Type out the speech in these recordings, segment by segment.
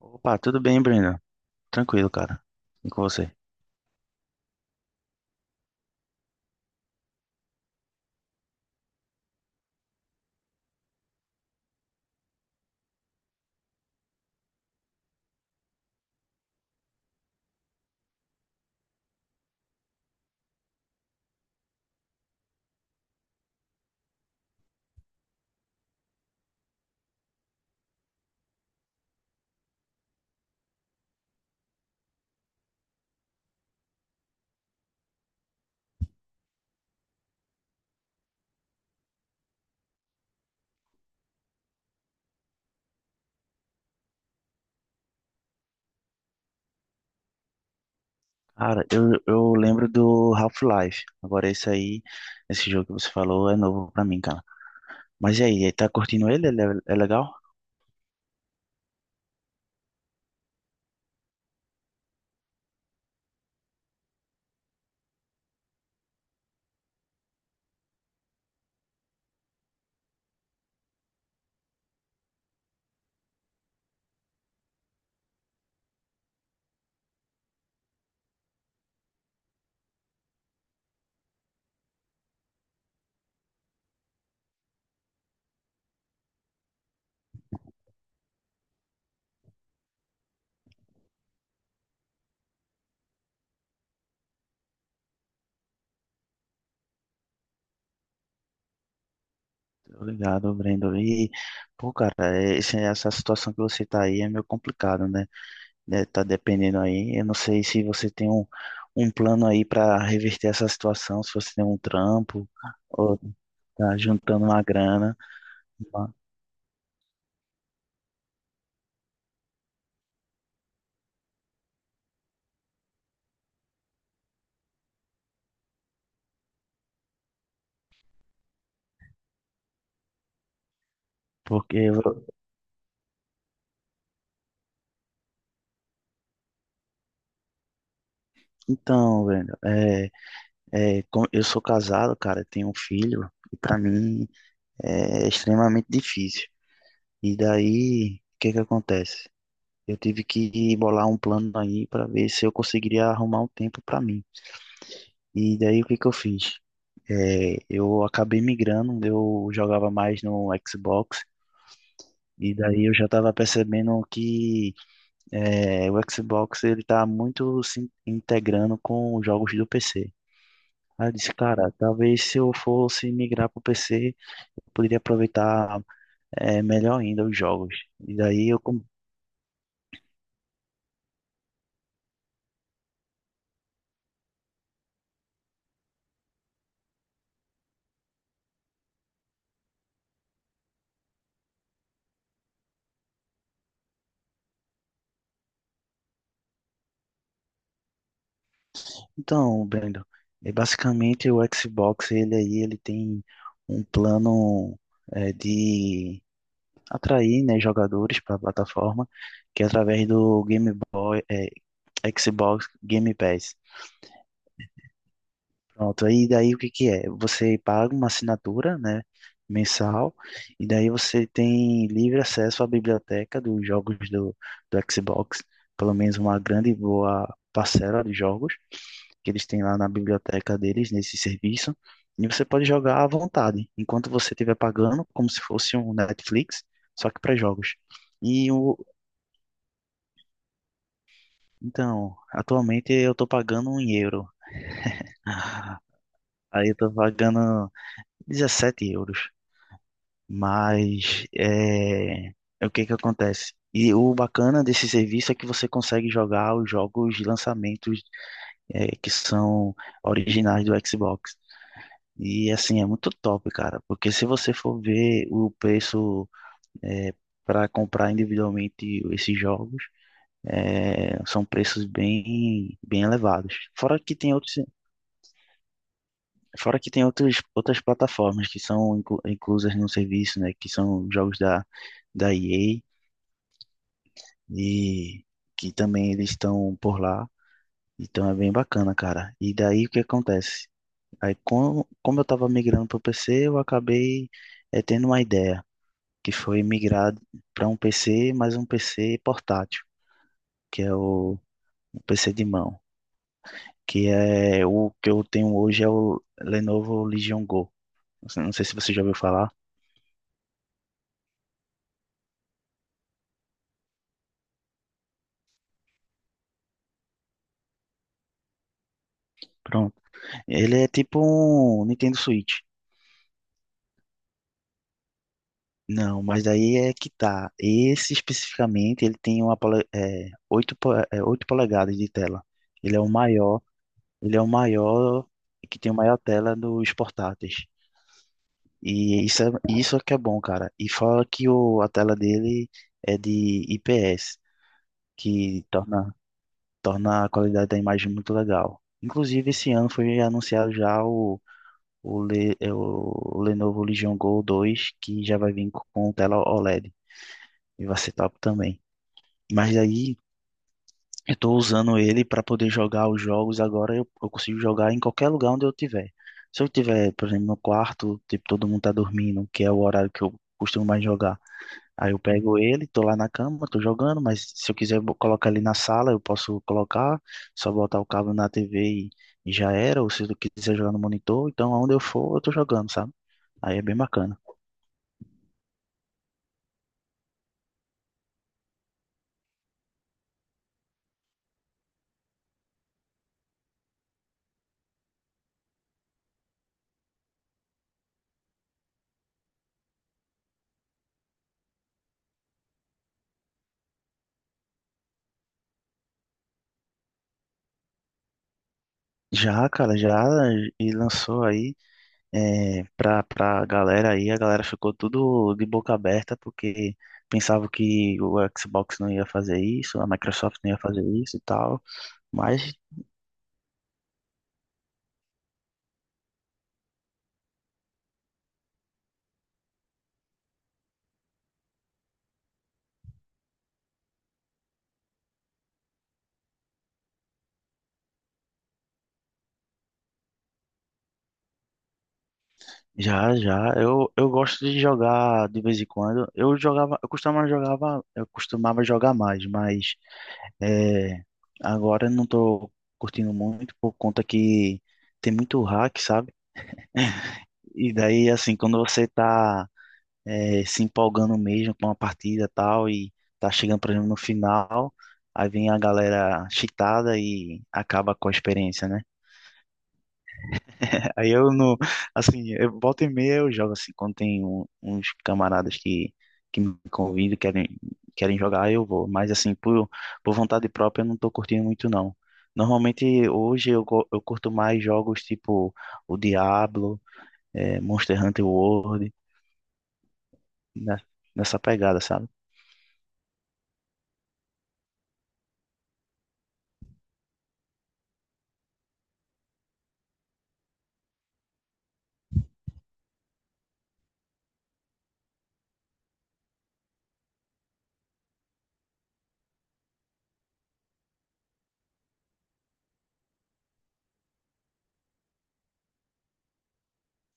Opa, tudo bem, Brenda? Tranquilo, cara. E com você? Cara, eu lembro do Half-Life. Agora esse aí, esse jogo que você falou é novo pra mim, cara. Mas e aí, tá curtindo ele? Ele é legal? Obrigado, Brenda. E, pô, cara, é, essa situação que você tá aí é meio complicado, né? É, tá dependendo aí. Eu não sei se você tem um plano aí pra reverter essa situação, se você tem um trampo, ou tá juntando uma grana, porque... Então, Brenda, é... É, eu sou casado, cara, tenho um filho, e pra mim é extremamente difícil. E daí, o que que acontece? Eu tive que bolar um plano aí pra ver se eu conseguiria arrumar um tempo pra mim. E daí, o que que eu fiz? É, eu acabei migrando, eu jogava mais no Xbox, e daí eu já estava percebendo que é, o Xbox ele tá muito se integrando com os jogos do PC. Aí eu disse, cara, talvez se eu fosse migrar pro PC, poderia aproveitar é, melhor ainda os jogos. E daí eu com- Então, Brendo, é, basicamente o Xbox, ele aí, ele tem um plano é, de atrair, né, jogadores para a plataforma, que é através do Game Boy, é, Xbox Game Pass. Pronto, aí daí o que que é? Você paga uma assinatura, né, mensal, e daí você tem livre acesso à biblioteca dos jogos do Xbox, pelo menos uma grande e boa parcela de jogos que eles têm lá na biblioteca deles, nesse serviço, e você pode jogar à vontade, enquanto você estiver pagando, como se fosse um Netflix, só que para jogos. E o, então, atualmente eu estou pagando um euro, aí eu estou pagando 17 euros. Mas é, é o que que acontece? E o bacana desse serviço é que você consegue jogar os jogos de lançamentos é, que são originais do Xbox. E assim, é muito top, cara, porque se você for ver o preço é, para comprar individualmente esses jogos, é, são preços bem, bem elevados. Fora que tem outros, outras plataformas que são inclusas no serviço, né, que são jogos da EA e que também eles estão por lá. Então é bem bacana, cara. E daí o que acontece? Aí, como eu estava migrando para o PC, eu acabei eh, tendo uma ideia, que foi migrar para um PC, mas um PC portátil, que é o PC de mão, que é o que eu tenho hoje é o Lenovo Legion Go. Não sei se você já ouviu falar. Pronto. Ele é tipo um Nintendo Switch. Não, mas daí é que tá. Esse especificamente, ele tem uma, 8 polegadas de tela. Ele é o maior, ele é o maior, que tem a maior tela dos portáteis. E isso é que é bom, cara. E fora que o, a tela dele é de IPS, que torna, torna a qualidade da imagem muito legal. Inclusive, esse ano foi anunciado já o Lenovo Legion Go 2 que já vai vir com tela OLED. E D. E vai ser top também. Mas aí eu tô usando ele para poder jogar os jogos agora. Eu consigo jogar em qualquer lugar onde eu tiver. Se eu tiver, por exemplo, no quarto, tipo, todo mundo tá dormindo, que é o horário que eu costumo mais jogar. Aí eu pego ele, tô lá na cama, tô jogando, mas se eu quiser colocar ele na sala, eu posso colocar, só botar o cabo na TV e, e já era. Ou se eu quiser jogar no monitor, então aonde eu for, eu tô jogando, sabe? Aí é bem bacana. Já, cara, já e lançou aí. É, pra galera aí, a galera ficou tudo de boca aberta porque pensava que o Xbox não ia fazer isso, a Microsoft não ia fazer isso e tal, mas já, já, eu gosto de jogar de vez em quando, eu jogava, eu costumava jogar mais, mas é, agora eu não tô curtindo muito por conta que tem muito hack, sabe? E daí, assim, quando você tá eh, se empolgando mesmo com uma partida e tal, e tá chegando, por exemplo, no final, aí vem a galera cheatada e acaba com a experiência, né? Aí eu não, assim, eu volta e meia eu jogo assim, quando tem uns camaradas que me convidam, querem jogar, aí eu vou, mas assim, por vontade própria eu não tô curtindo muito não. Normalmente hoje eu curto mais jogos tipo o Diablo, eh, Monster Hunter World, né? Nessa pegada, sabe?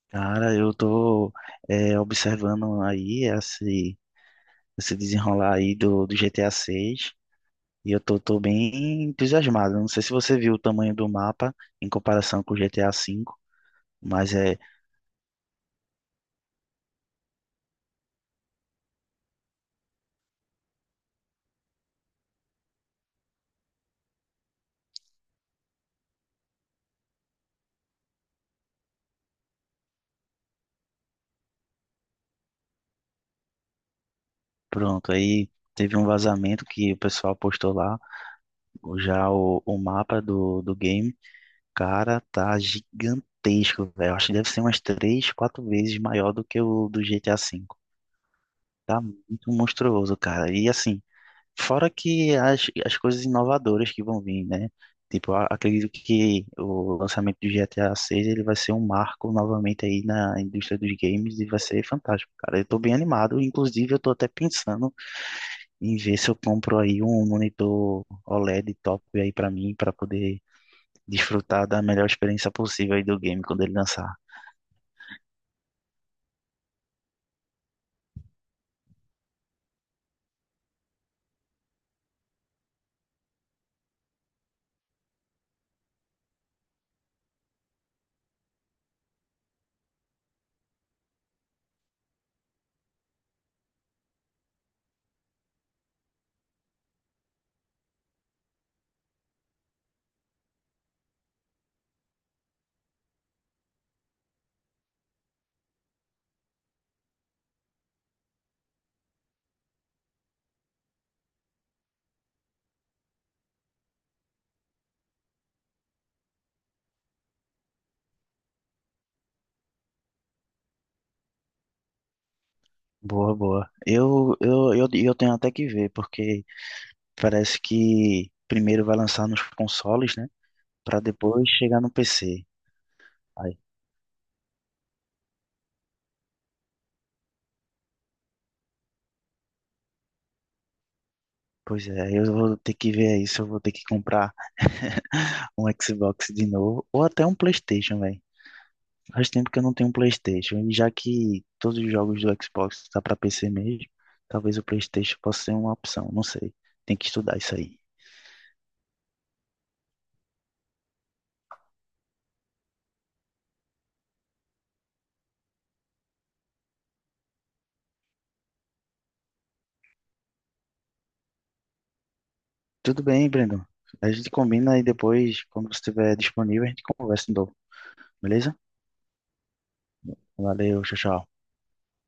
Cara, eu tô é, observando aí esse desenrolar aí do GTA 6 e eu tô bem entusiasmado. Não sei se você viu o tamanho do mapa em comparação com o GTA 5, mas é pronto. Aí teve um vazamento que o pessoal postou lá, já o mapa do game. Cara, tá gigantesco, velho. Acho que deve ser umas três, quatro vezes maior do que o do GTA 5. Tá muito monstruoso, cara. E assim. Fora que as coisas inovadoras que vão vir, né? Tipo, acredito que o lançamento do GTA 6 ele vai ser um marco novamente aí na indústria dos games e vai ser fantástico, cara. Eu tô bem animado, inclusive eu tô até pensando em ver se eu compro aí um monitor OLED top aí pra mim, pra poder desfrutar da melhor experiência possível aí do game quando ele lançar. Boa, boa. Eu tenho até que ver, porque parece que primeiro vai lançar nos consoles, né? Para depois chegar no PC. Aí, pois é, aí eu vou ter que ver aí se eu vou ter que comprar um Xbox de novo ou até um PlayStation, velho. Faz tempo que eu não tenho um PlayStation e já que todos os jogos do Xbox tá para PC mesmo, talvez o PlayStation possa ser uma opção, não sei. Tem que estudar isso aí. Tudo bem, Breno. A gente combina e depois, quando você estiver disponível, a gente conversa de novo, beleza? Valeu, tchau, tchau.